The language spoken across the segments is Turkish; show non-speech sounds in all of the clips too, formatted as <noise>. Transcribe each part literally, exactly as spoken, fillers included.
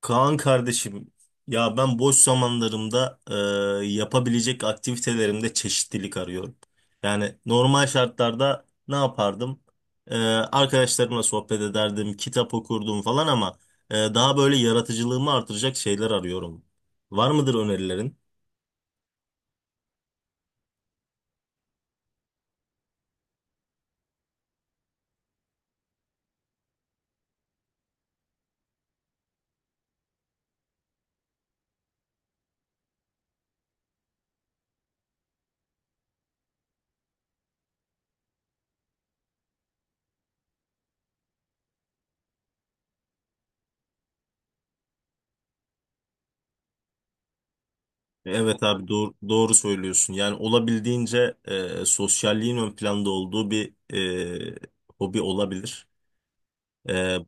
Kaan kardeşim, ya ben boş zamanlarımda e, yapabilecek aktivitelerimde çeşitlilik arıyorum. Yani normal şartlarda ne yapardım? E, arkadaşlarımla sohbet ederdim, kitap okurdum falan ama e, daha böyle yaratıcılığımı artıracak şeyler arıyorum. Var mıdır önerilerin? Evet abi doğru, doğru söylüyorsun. Yani olabildiğince e, sosyalliğin ön planda olduğu bir e, hobi olabilir. Ee,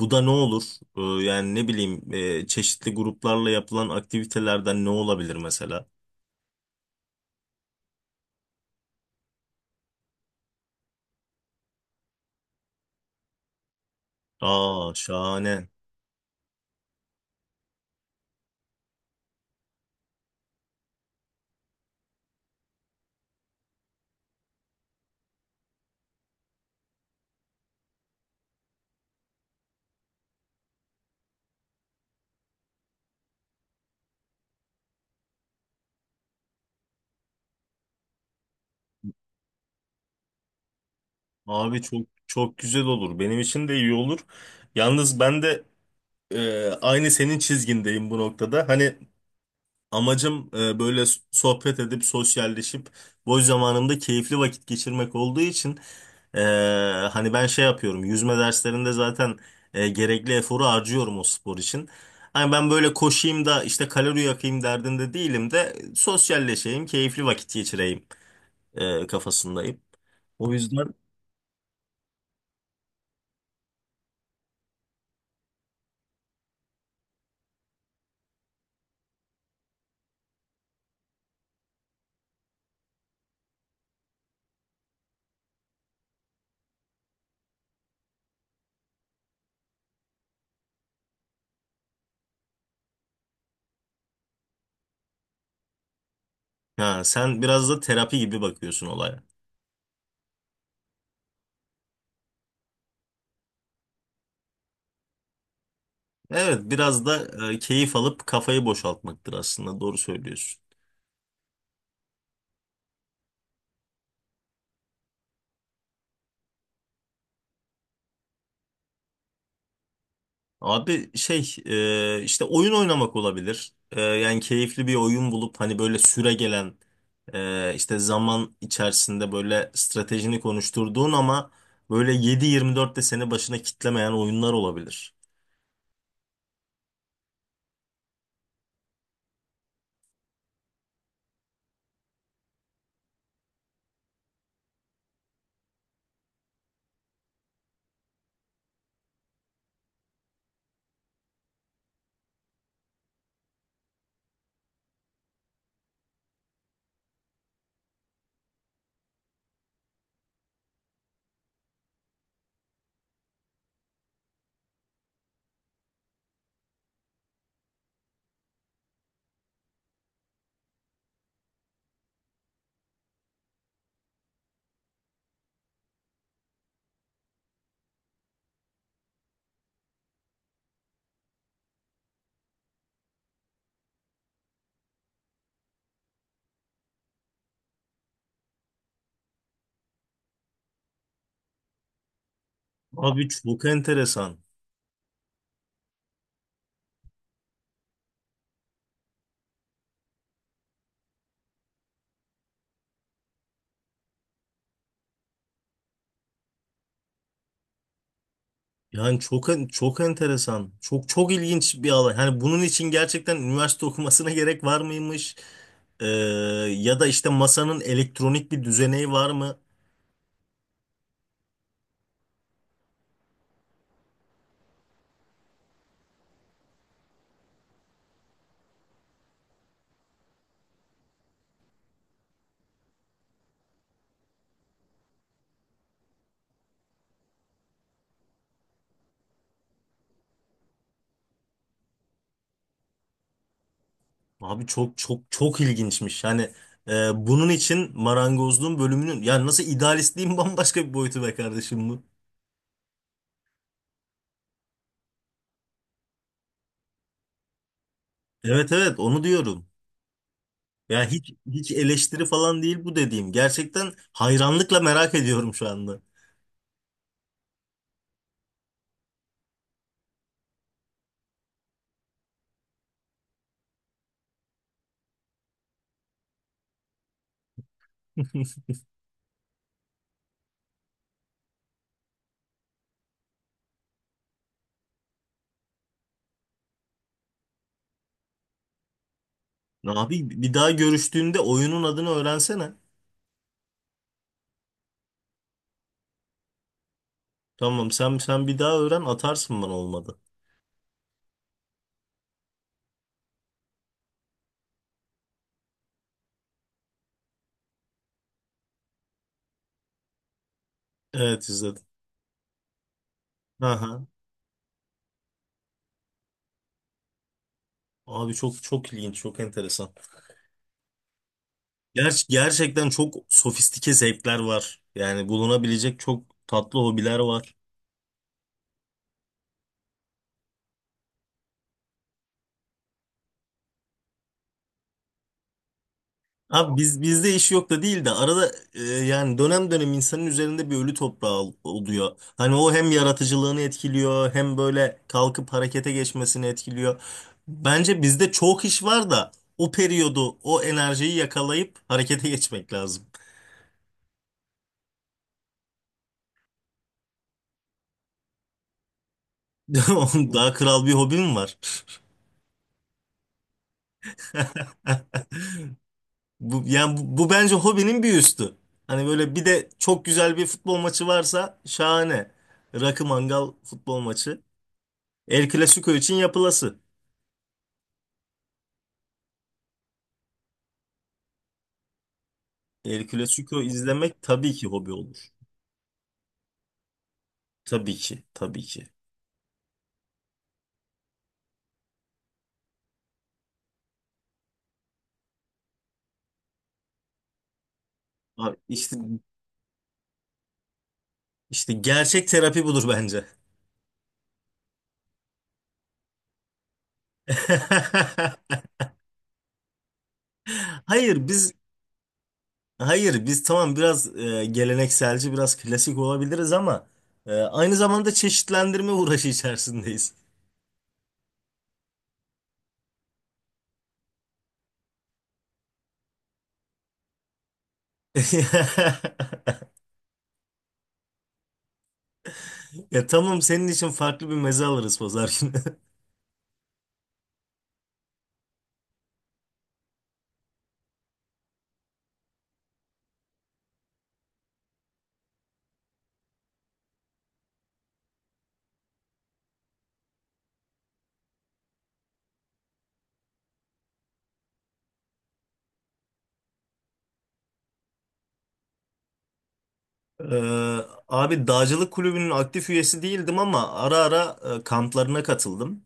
Bu da ne olur? Ee, yani ne bileyim, e, çeşitli gruplarla yapılan aktivitelerden ne olabilir mesela? Aa şahane. Abi çok çok güzel olur. Benim için de iyi olur. Yalnız ben de e, aynı senin çizgindeyim bu noktada. Hani amacım, e, böyle sohbet edip sosyalleşip boş zamanımda keyifli vakit geçirmek olduğu için, e, hani ben şey yapıyorum, yüzme derslerinde zaten e, gerekli eforu harcıyorum o spor için. Hani ben böyle koşayım da işte kalori yakayım derdinde değilim de sosyalleşeyim, keyifli vakit geçireyim e, kafasındayım. O yüzden, ha, sen biraz da terapi gibi bakıyorsun olaya. Evet biraz da e, keyif alıp kafayı boşaltmaktır aslında, doğru söylüyorsun. Abi şey, e, işte oyun oynamak olabilir. E, yani keyifli bir oyun bulup, hani böyle süre gelen e, işte zaman içerisinde böyle stratejini konuşturduğun ama böyle yedi yirmi dört de seni başına kitlemeyen oyunlar olabilir. Abi çok enteresan. Yani çok en- çok enteresan. Çok çok ilginç bir alan. Hani bunun için gerçekten üniversite <laughs> okumasına gerek var mıymış? E, Ya da işte masanın elektronik bir düzeneği var mı? Abi çok çok çok ilginçmiş. Yani e, bunun için marangozluğun bölümünün, yani nasıl idealistliğin <laughs> bambaşka bir boyutu be kardeşim bu. Evet evet, onu diyorum. Ya hiç hiç eleştiri falan değil bu dediğim. Gerçekten hayranlıkla merak ediyorum şu anda. <laughs> Abi bir daha görüştüğünde oyunun adını öğrensene. Tamam, sen sen bir daha öğren, atarsın bana, olmadı. Evet, izledim. Aha. Abi çok çok ilginç, çok enteresan. Ger- gerçekten çok sofistike zevkler var. Yani bulunabilecek çok tatlı hobiler var. Abi biz bizde iş yok da değil de, arada, e, yani dönem dönem insanın üzerinde bir ölü toprağı ol- oluyor. Hani o hem yaratıcılığını etkiliyor hem böyle kalkıp harekete geçmesini etkiliyor. Bence bizde çok iş var da o periyodu, o enerjiyi yakalayıp harekete geçmek lazım. <laughs> Daha kral bir hobim var. <laughs> Bu, yani bu, bu bence hobinin bir üstü. Hani böyle bir de çok güzel bir futbol maçı varsa şahane. Rakı, mangal, futbol maçı. El Clasico için yapılası. El Clasico izlemek tabii ki hobi olur. Tabii ki, tabii ki. Abi işte işte gerçek terapi budur bence. <laughs> Hayır biz hayır biz tamam biraz e, gelenekselci, biraz klasik olabiliriz ama e, aynı zamanda çeşitlendirme uğraşı içerisindeyiz. <laughs> Ya tamam, senin için farklı bir meze alırız pazar günü. <laughs> Ee, Abi dağcılık kulübünün aktif üyesi değildim ama ara ara e, kamplarına katıldım.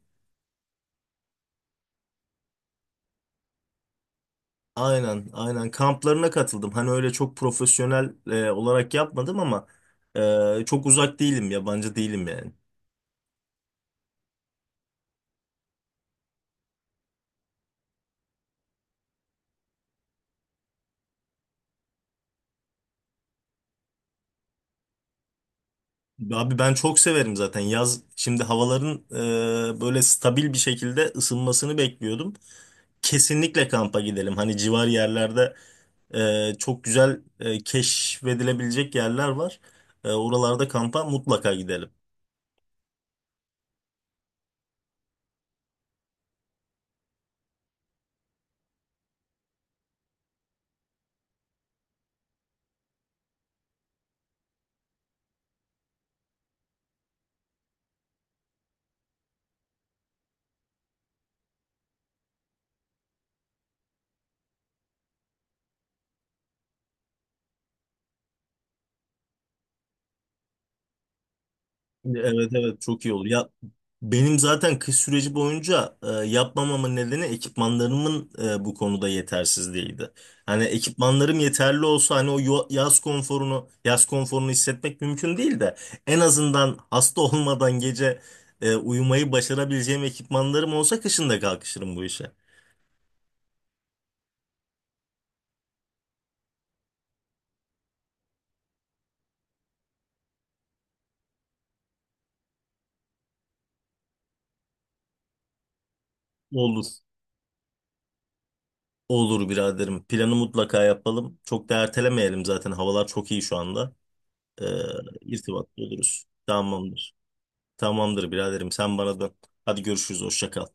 Aynen, aynen kamplarına katıldım. Hani öyle çok profesyonel e, olarak yapmadım ama e, çok uzak değilim, yabancı değilim yani. Abi ben çok severim zaten yaz. Şimdi havaların e, böyle stabil bir şekilde ısınmasını bekliyordum. Kesinlikle kampa gidelim. Hani civar yerlerde, Ee, çok güzel e, keşfedilebilecek yerler var. Ee, oralarda kampa mutlaka gidelim. Evet evet, çok iyi olur. Ya benim zaten kış süreci boyunca e, yapmamamın nedeni, ekipmanlarımın e, bu konuda yetersizliğiydi. Hani ekipmanlarım yeterli olsa, hani o yo- yaz konforunu yaz konforunu hissetmek mümkün değil de, en azından hasta <laughs> olmadan gece e, uyumayı başarabileceğim ekipmanlarım olsa kışın da kalkışırım bu işe. Olur. Olur biraderim. Planı mutlaka yapalım. Çok da ertelemeyelim zaten. Havalar çok iyi şu anda. Ee, irtibatlı oluruz. Tamamdır. Tamamdır biraderim. Sen bana dön. Hadi görüşürüz. Hoşça kal.